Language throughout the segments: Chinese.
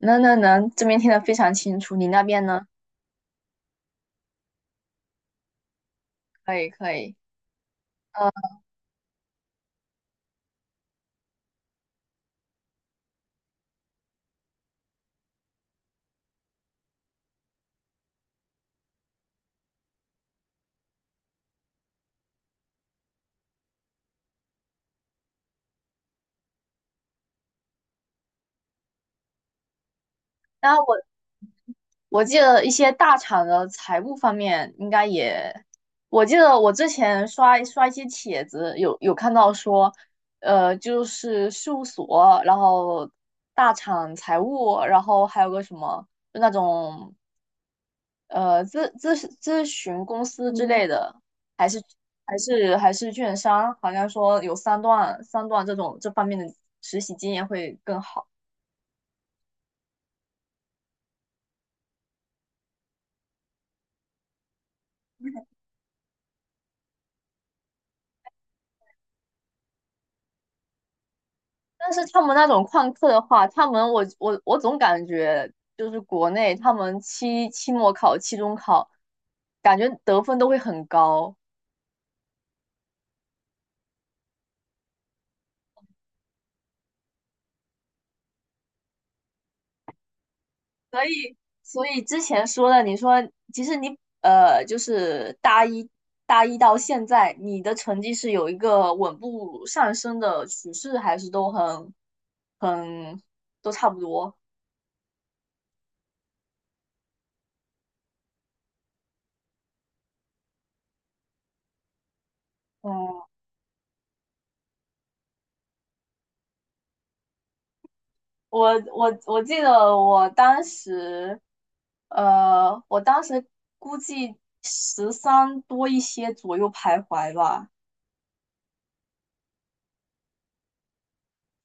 能能能，这边听得非常清楚。你那边呢？可以可以。呃，那我记得一些大厂的财务方面应该也，我记得我之前刷一些帖子，有看到说，就是事务所，然后大厂财务，然后还有个什么，就那种呃咨咨咨询公司之类的，还是还是券商，好像说有三段这种这方面的实习经验会更好。但是他们那种旷课的话，他们我总感觉就是国内他们期末考、期中考，感觉得分都会很高。所以所以之前说的，你说其实你就是大一到现在，你的成绩是有一个稳步上升的趋势，还是都很都差不多？嗯，我记得我当时，我当时估计十三多一些左右徘徊吧。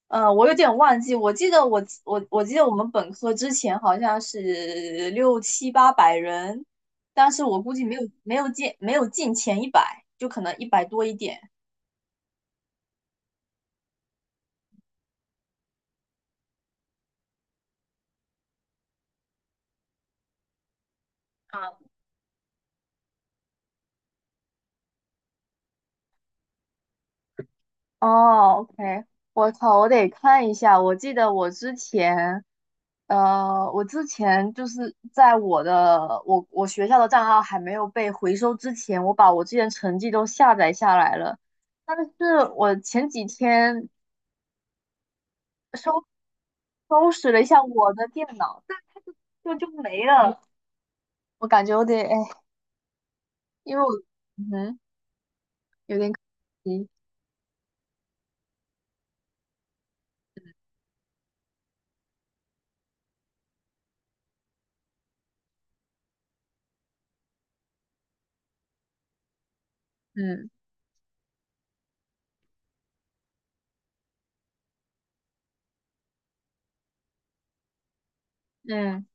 嗯,我有点忘记，我记得我们本科之前好像是六七八百人，但是我估计没有进前一百，就可能一百多一点。哦，OK,我靠，我得看一下。我记得我之前就是在我学校的账号还没有被回收之前，我把我之前成绩都下载下来了。但是我前几天收收拾了一下我的电脑，但就没了。我感觉有点，哎，因为我，嗯哼，有点可惜，嗯嗯。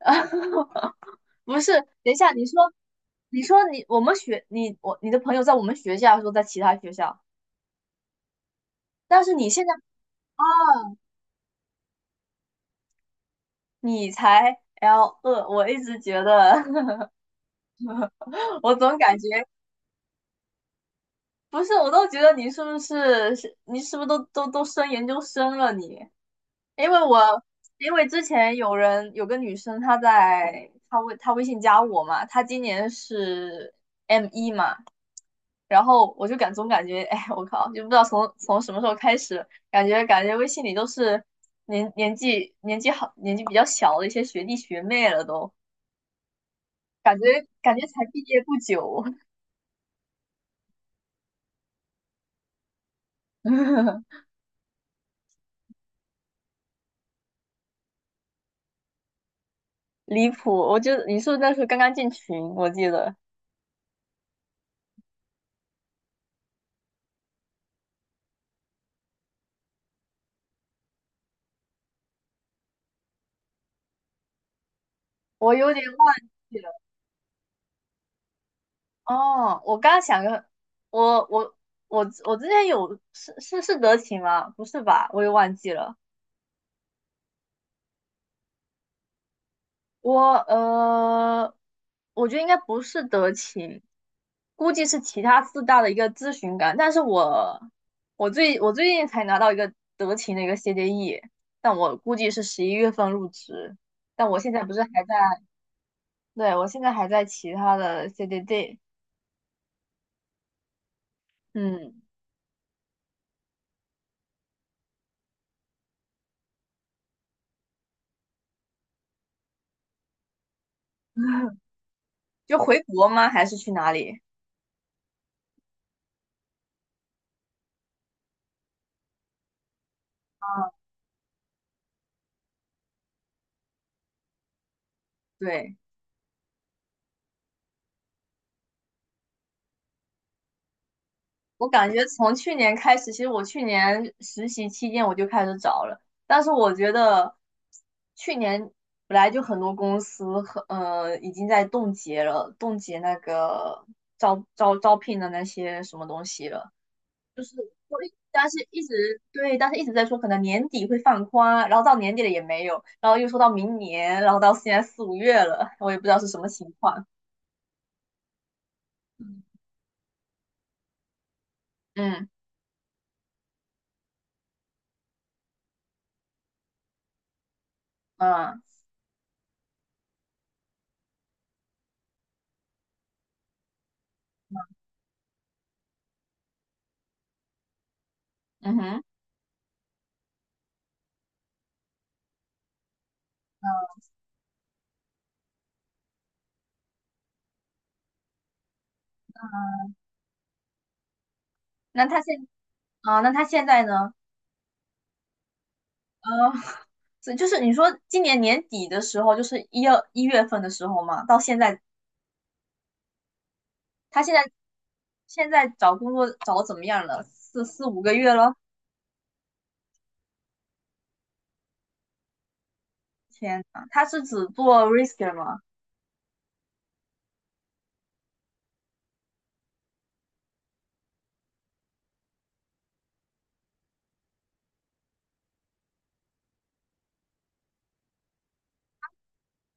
不是，等一下，你说你的朋友在我们学校说在其他学校，但是你现在啊，你才 L2，我一直觉得，我总感觉不是，我都觉得你是不是都升研究生了你？因为之前有个女生她微信加我嘛，她今年是 M1嘛，然后我就总感觉，哎，我靠，就不知道从什么时候开始，感觉微信里都是年纪比较小的一些学弟学妹了都，感觉才毕业不久，离谱！你是不是那时候刚刚进群？我有点忘记了。哦，我刚刚想个，我我我之前有是是是德勤吗？不是吧？我也忘记了。我呃，我觉得应该不是德勤，估计是其他四大的一个咨询岗。但是我最近才拿到一个德勤的一个 CDE,但我估计是十一月份入职。但我现在不是还在，对，我现在还在其他的 CDD,嗯，就回国吗？还是去哪里？对。我感觉从去年开始，其实我去年实习期间我就开始找了，但是我觉得去年本来就很多公司和已经在冻结了，冻结那个招聘的那些什么东西了，但是一直对，但是一直在说可能年底会放宽，然后到年底了也没有，然后又说到明年，然后到现在四五月了，我也不知道是什么情况。嗯嗯嗯哼，那他现那他现在呢？啊这就是你说今年年底的时候，就是一二一月份的时候嘛，到现在他现在找工作找得怎么样了？四五个月了？天呐，他是只做 risker 吗？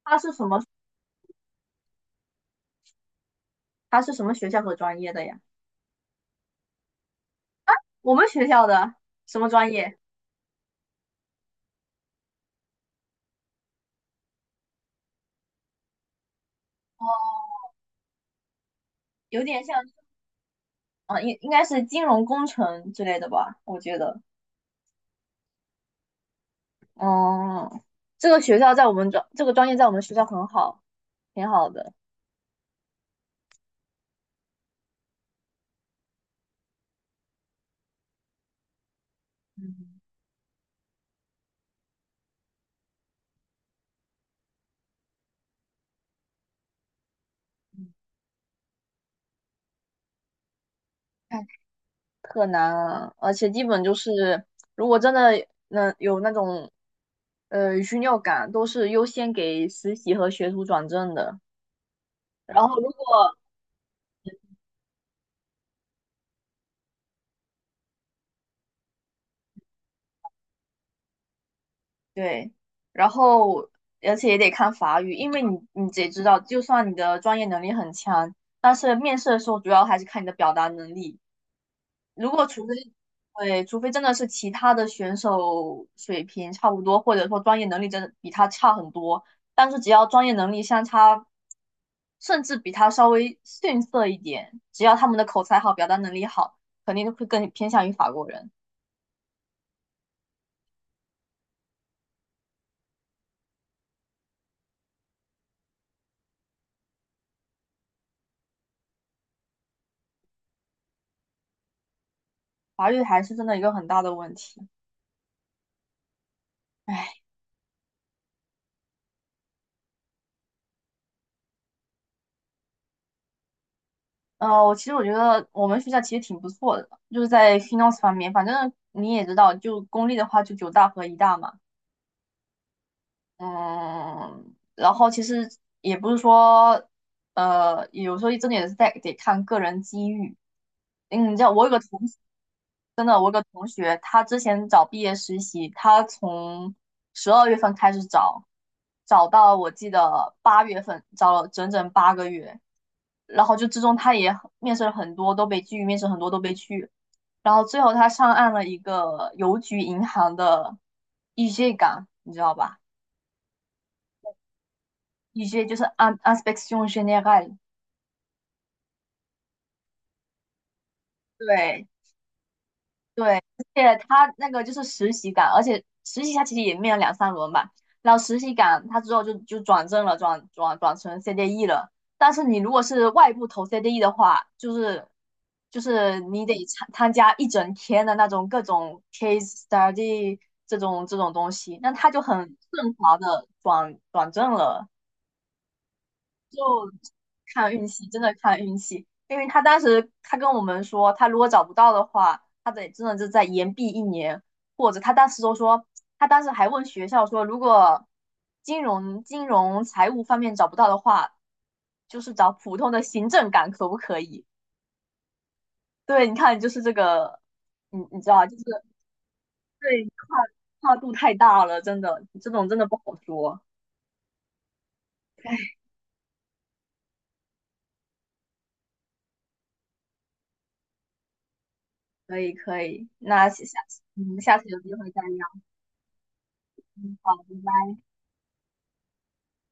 他是什么？他是什么学校和专业的呀？我们学校的什么专业？哦，有点像，啊，应该是金融工程之类的吧，我觉得。哦，这个学校在我们专，这个专业在我们学校很好，挺好的。特难啊，而且基本就是，如果真的能有那种虚尿感，都是优先给实习和学徒转正的。然后如果对，然后而且也得看法语，因为你得知道，就算你的专业能力很强，但是面试的时候主要还是看你的表达能力。如果除非对，除非真的是其他的选手水平差不多，或者说专业能力真的比他差很多，但是只要专业能力相差，甚至比他稍微逊色一点，只要他们的口才好、表达能力好，肯定会更偏向于法国人。法律还是真的一个很大的问题。唉，其实我觉得我们学校其实挺不错的，就是在 finance 方面，反正你也知道，就公立的话就九大和一大嘛。嗯，然后其实也不是说，有时候真的也是在得看个人机遇。嗯，你知道我有个同学,他之前找毕业实习，他从十二月份开始找，找到我记得八月份，找了整整8个月。然后就之中他也很面试了很多，都被拒；面试很多都被拒。然后最后他上岸了一个邮局银行的 EJ 岗，你知道吧？一些就是按 n s p e c t i o n g e n e r 对对，而且他那个就是实习岗，而且实习他其实也面了两三轮吧，然后实习岗他之后就转正了，转成 CDE 了。但是你如果是外部投 CDE 的话，就是你得参加一整天的那种各种 case study 这种东西，那他就很顺滑的转正了。就看运气，真的看运气。因为他当时他跟我们说，他如果找不到的话，他得真的就再延毕一年，或者他当时都说，他当时还问学校说，如果金融财务方面找不到的话，就是找普通的行政岗可不可以？对，你看就是这个，你知道，就是对跨度太大了，真的这种真的不好说。哎可以可以，那下次有机会再聊。嗯好，拜拜。